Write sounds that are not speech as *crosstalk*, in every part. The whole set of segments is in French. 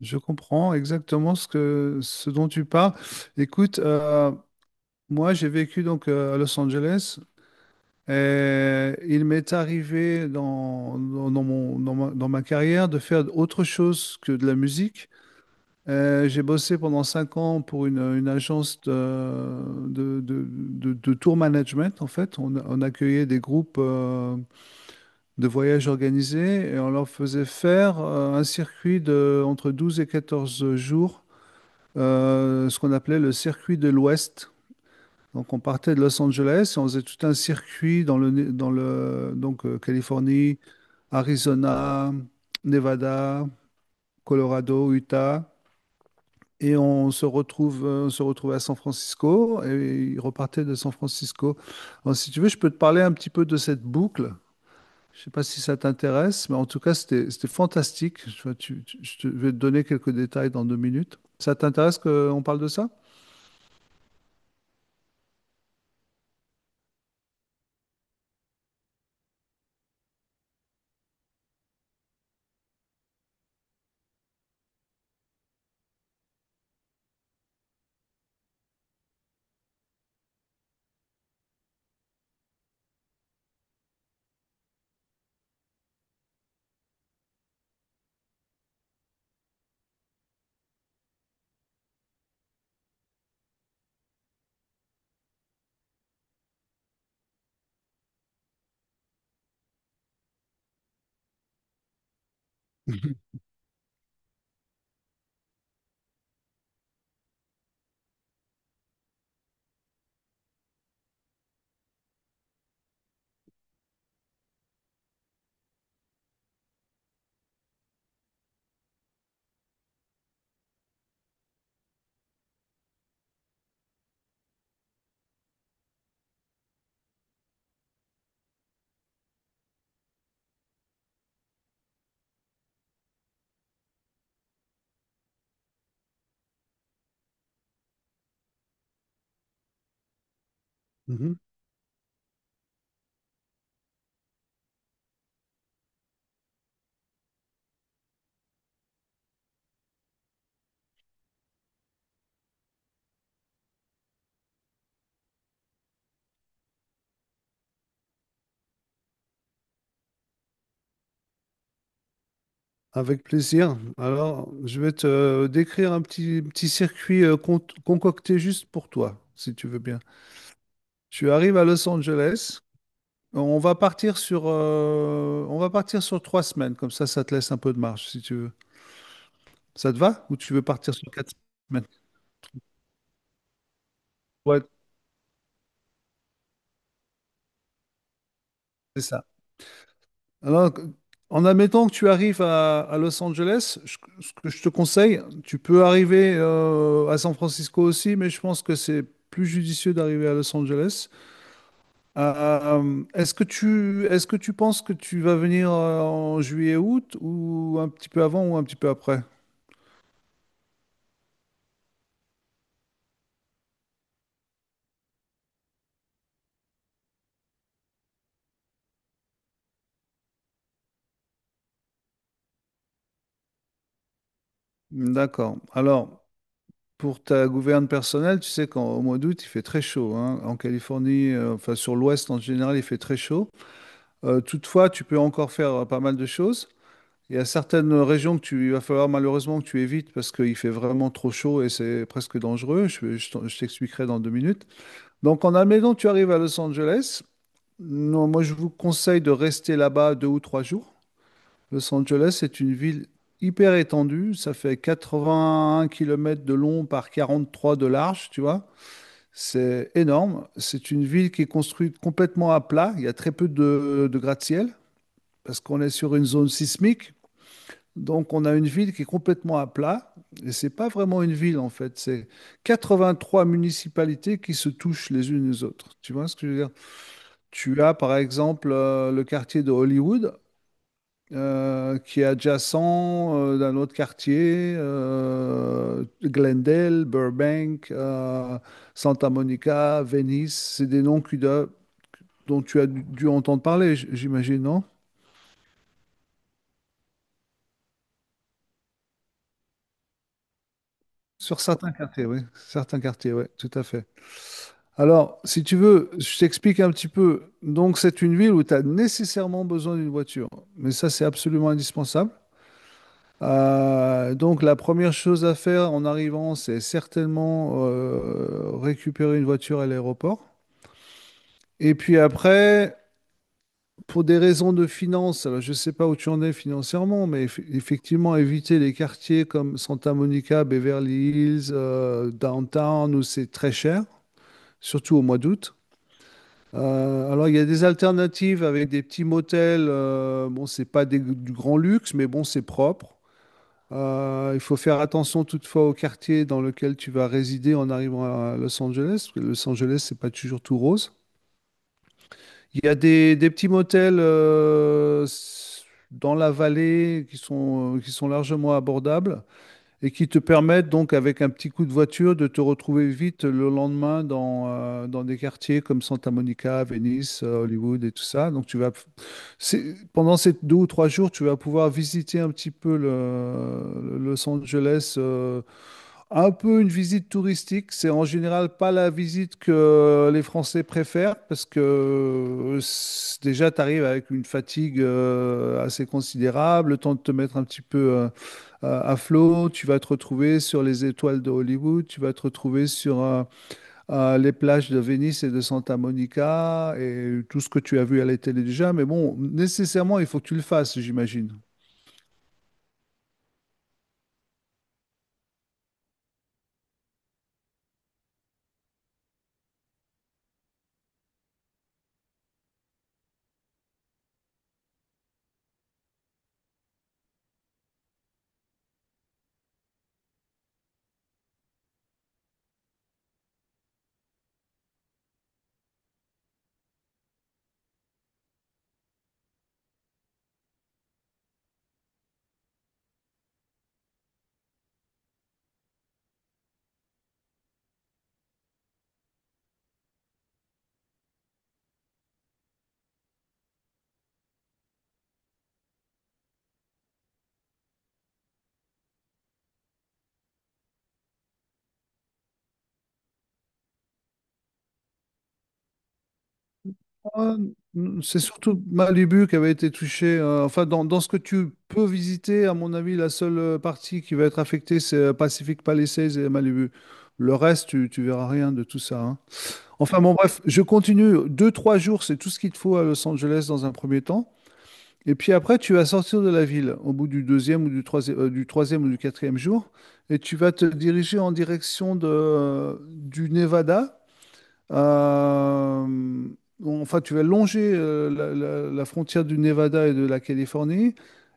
Je comprends exactement ce que, ce dont tu parles. Écoute, moi j'ai vécu donc à Los Angeles et il m'est arrivé dans ma carrière de faire autre chose que de la musique. J'ai bossé pendant cinq ans pour une agence de tour management. En fait, on accueillait des groupes de voyages organisés et on leur faisait faire un circuit de entre 12 et 14 jours, ce qu'on appelait le circuit de l'Ouest. Donc, on partait de Los Angeles et on faisait tout un circuit dans Californie, Arizona, Nevada, Colorado, Utah. Et on se retrouvait à San Francisco et il repartait de San Francisco. Alors, si tu veux, je peux te parler un petit peu de cette boucle. Je ne sais pas si ça t'intéresse, mais en tout cas, c'était fantastique. Tu vois, je vais te donner quelques détails dans deux minutes. Ça t'intéresse qu'on parle de ça? *laughs* Mhm. Avec plaisir. Alors, je vais te décrire un petit circuit concocté juste pour toi, si tu veux bien. Tu arrives à Los Angeles. On va partir sur, on va partir sur trois semaines. Comme ça te laisse un peu de marge, si tu veux. Ça te va? Ou tu veux partir sur quatre semaines? Ouais, c'est ça. Alors, en admettant que tu arrives à Los Angeles, ce que je te conseille, tu peux arriver à San Francisco aussi, mais je pense que c'est plus judicieux d'arriver à Los Angeles. Est-ce que tu penses que tu vas venir en juillet-août ou un petit peu avant ou un petit peu après? D'accord. Alors, pour ta gouverne personnelle, tu sais qu'au mois d'août, il fait très chaud, hein. En Californie, enfin sur l'ouest en général, il fait très chaud. Toutefois, tu peux encore faire pas mal de choses. Il y a certaines régions il va falloir malheureusement que tu évites parce qu'il fait vraiment trop chaud et c'est presque dangereux. Je t'expliquerai dans deux minutes. Donc, en admettant que tu arrives à Los Angeles, non, moi je vous conseille de rester là-bas deux ou trois jours. Los Angeles est une ville hyper étendue, ça fait 81 kilomètres de long par 43 de large, tu vois. C'est énorme. C'est une ville qui est construite complètement à plat, il y a très peu de gratte-ciel parce qu'on est sur une zone sismique. Donc on a une ville qui est complètement à plat et c'est pas vraiment une ville en fait, c'est 83 municipalités qui se touchent les unes les autres. Tu vois ce que je veux dire? Tu as par exemple le quartier de Hollywood, qui est adjacent d'un autre quartier, Glendale, Burbank, Santa Monica, Venice. C'est des noms dont tu as dû entendre parler, j'imagine, non? Sur certains quartiers, oui. Certains quartiers, oui, tout à fait. Alors, si tu veux, je t'explique un petit peu. Donc, c'est une ville où tu as nécessairement besoin d'une voiture. Mais ça, c'est absolument indispensable. Donc la première chose à faire en arrivant, c'est certainement récupérer une voiture à l'aéroport. Et puis après, pour des raisons de finances, alors je ne sais pas où tu en es financièrement, mais effectivement, éviter les quartiers comme Santa Monica, Beverly Hills, Downtown, où c'est très cher, surtout au mois d'août. Alors il y a des alternatives avec des petits motels, bon, c'est pas des- du grand luxe, mais bon, c'est propre. Il faut faire attention toutefois au quartier dans lequel tu vas résider en arrivant à Los Angeles, parce que Los Angeles, c'est pas toujours tout rose. Il y a des petits motels dans la vallée qui sont largement abordables et qui te permettent donc avec un petit coup de voiture de te retrouver vite le lendemain dans, dans des quartiers comme Santa Monica, Venice, Hollywood et tout ça. Pendant ces deux ou trois jours, tu vas pouvoir visiter un petit peu le Los Angeles, un peu une visite touristique. C'est en général pas la visite que les Français préfèrent parce que déjà tu arrives avec une fatigue assez considérable, le temps de te mettre un petit peu à flot, tu vas te retrouver sur les étoiles de Hollywood, tu vas te retrouver sur les plages de Venise et de Santa Monica et tout ce que tu as vu à la télé déjà, mais bon, nécessairement il faut que tu le fasses, j'imagine. Euh, C'est surtout Malibu qui avait été touché, enfin, dans ce que tu peux visiter, à mon avis, la seule partie qui va être affectée, c'est Pacific Palisades et Malibu. Le reste, tu verras rien de tout ça, hein. Enfin, bon, bref, je continue. Deux, trois jours, c'est tout ce qu'il te faut à Los Angeles dans un premier temps. Et puis après, tu vas sortir de la ville au bout du deuxième ou du troisième ou du quatrième jour. Et tu vas te diriger en direction du Nevada. Euh, bon, enfin, tu vas longer la, la frontière du Nevada et de la Californie.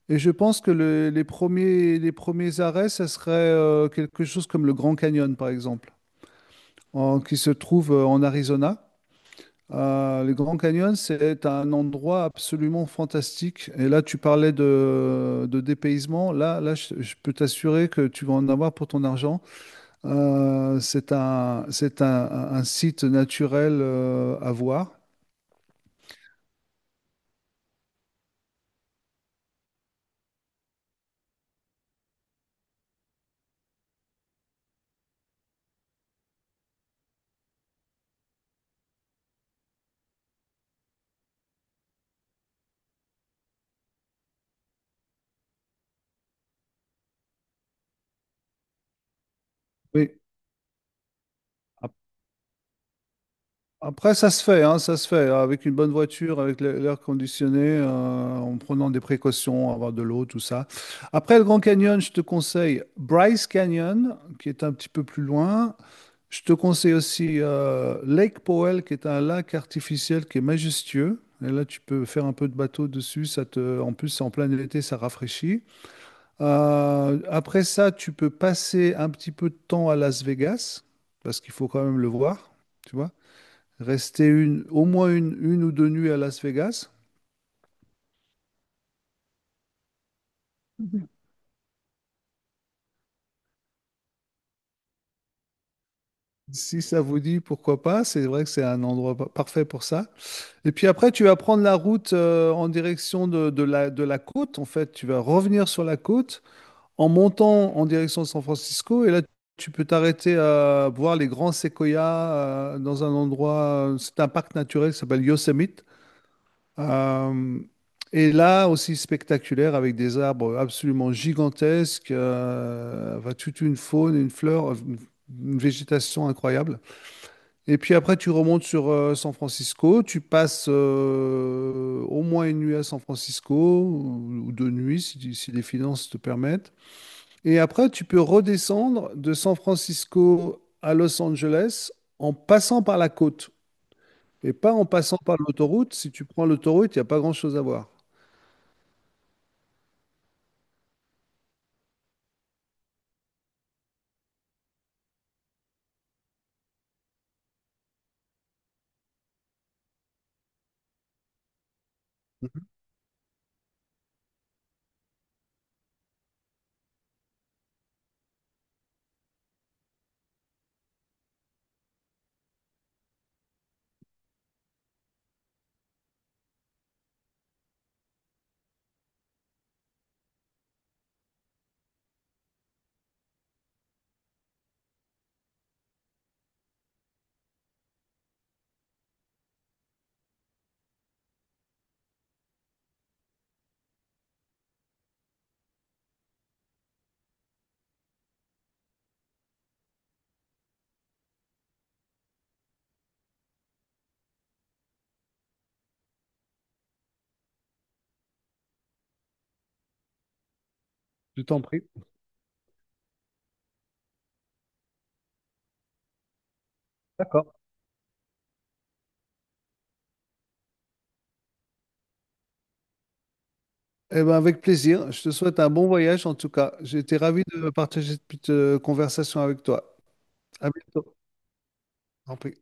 Et je pense que les premiers arrêts, ça serait quelque chose comme le Grand Canyon, par exemple, qui se trouve en Arizona. Le Grand Canyon, c'est un endroit absolument fantastique. Et là, tu parlais de dépaysement. Là, là, je peux t'assurer que tu vas en avoir pour ton argent. C'est un site naturel à voir. Oui. Ap- Après, ça se fait, hein, ça se fait. Avec une bonne voiture, avec l'air conditionné, en prenant des précautions, avoir de l'eau, tout ça. Après le Grand Canyon, je te conseille Bryce Canyon, qui est un petit peu plus loin. Je te conseille aussi Lake Powell, qui est un lac artificiel qui est majestueux. Et là, tu peux faire un peu de bateau dessus. Ça te... En plus, c'est en plein été, ça rafraîchit. Après ça, tu peux passer un petit peu de temps à Las Vegas, parce qu'il faut quand même le voir, tu vois. Rester au moins une ou deux nuits à Las Vegas. Si ça vous dit, pourquoi pas. C'est vrai que c'est un endroit parfait pour ça. Et puis après, tu vas prendre la route en direction de la côte. En fait, tu vas revenir sur la côte en montant en direction de San Francisco. Et là, tu peux t'arrêter à voir les grands séquoias dans un endroit. C'est un parc naturel qui s'appelle Yosemite. Euh, et là aussi spectaculaire avec des arbres absolument gigantesques, enfin, toute une faune, une fleur, une végétation incroyable. Et puis après tu remontes sur San Francisco, tu passes au moins une nuit à San Francisco ou deux nuits si, si les finances te permettent. Et après tu peux redescendre de San Francisco à Los Angeles en passant par la côte. Et pas en passant par l'autoroute. Si tu prends l'autoroute, il n'y a pas grand-chose à voir. Je t'en prie. D'accord. Eh ben, avec plaisir. Je te souhaite un bon voyage en tout cas. J'ai été ravi de partager cette petite conversation avec toi. À bientôt. Je t'en prie.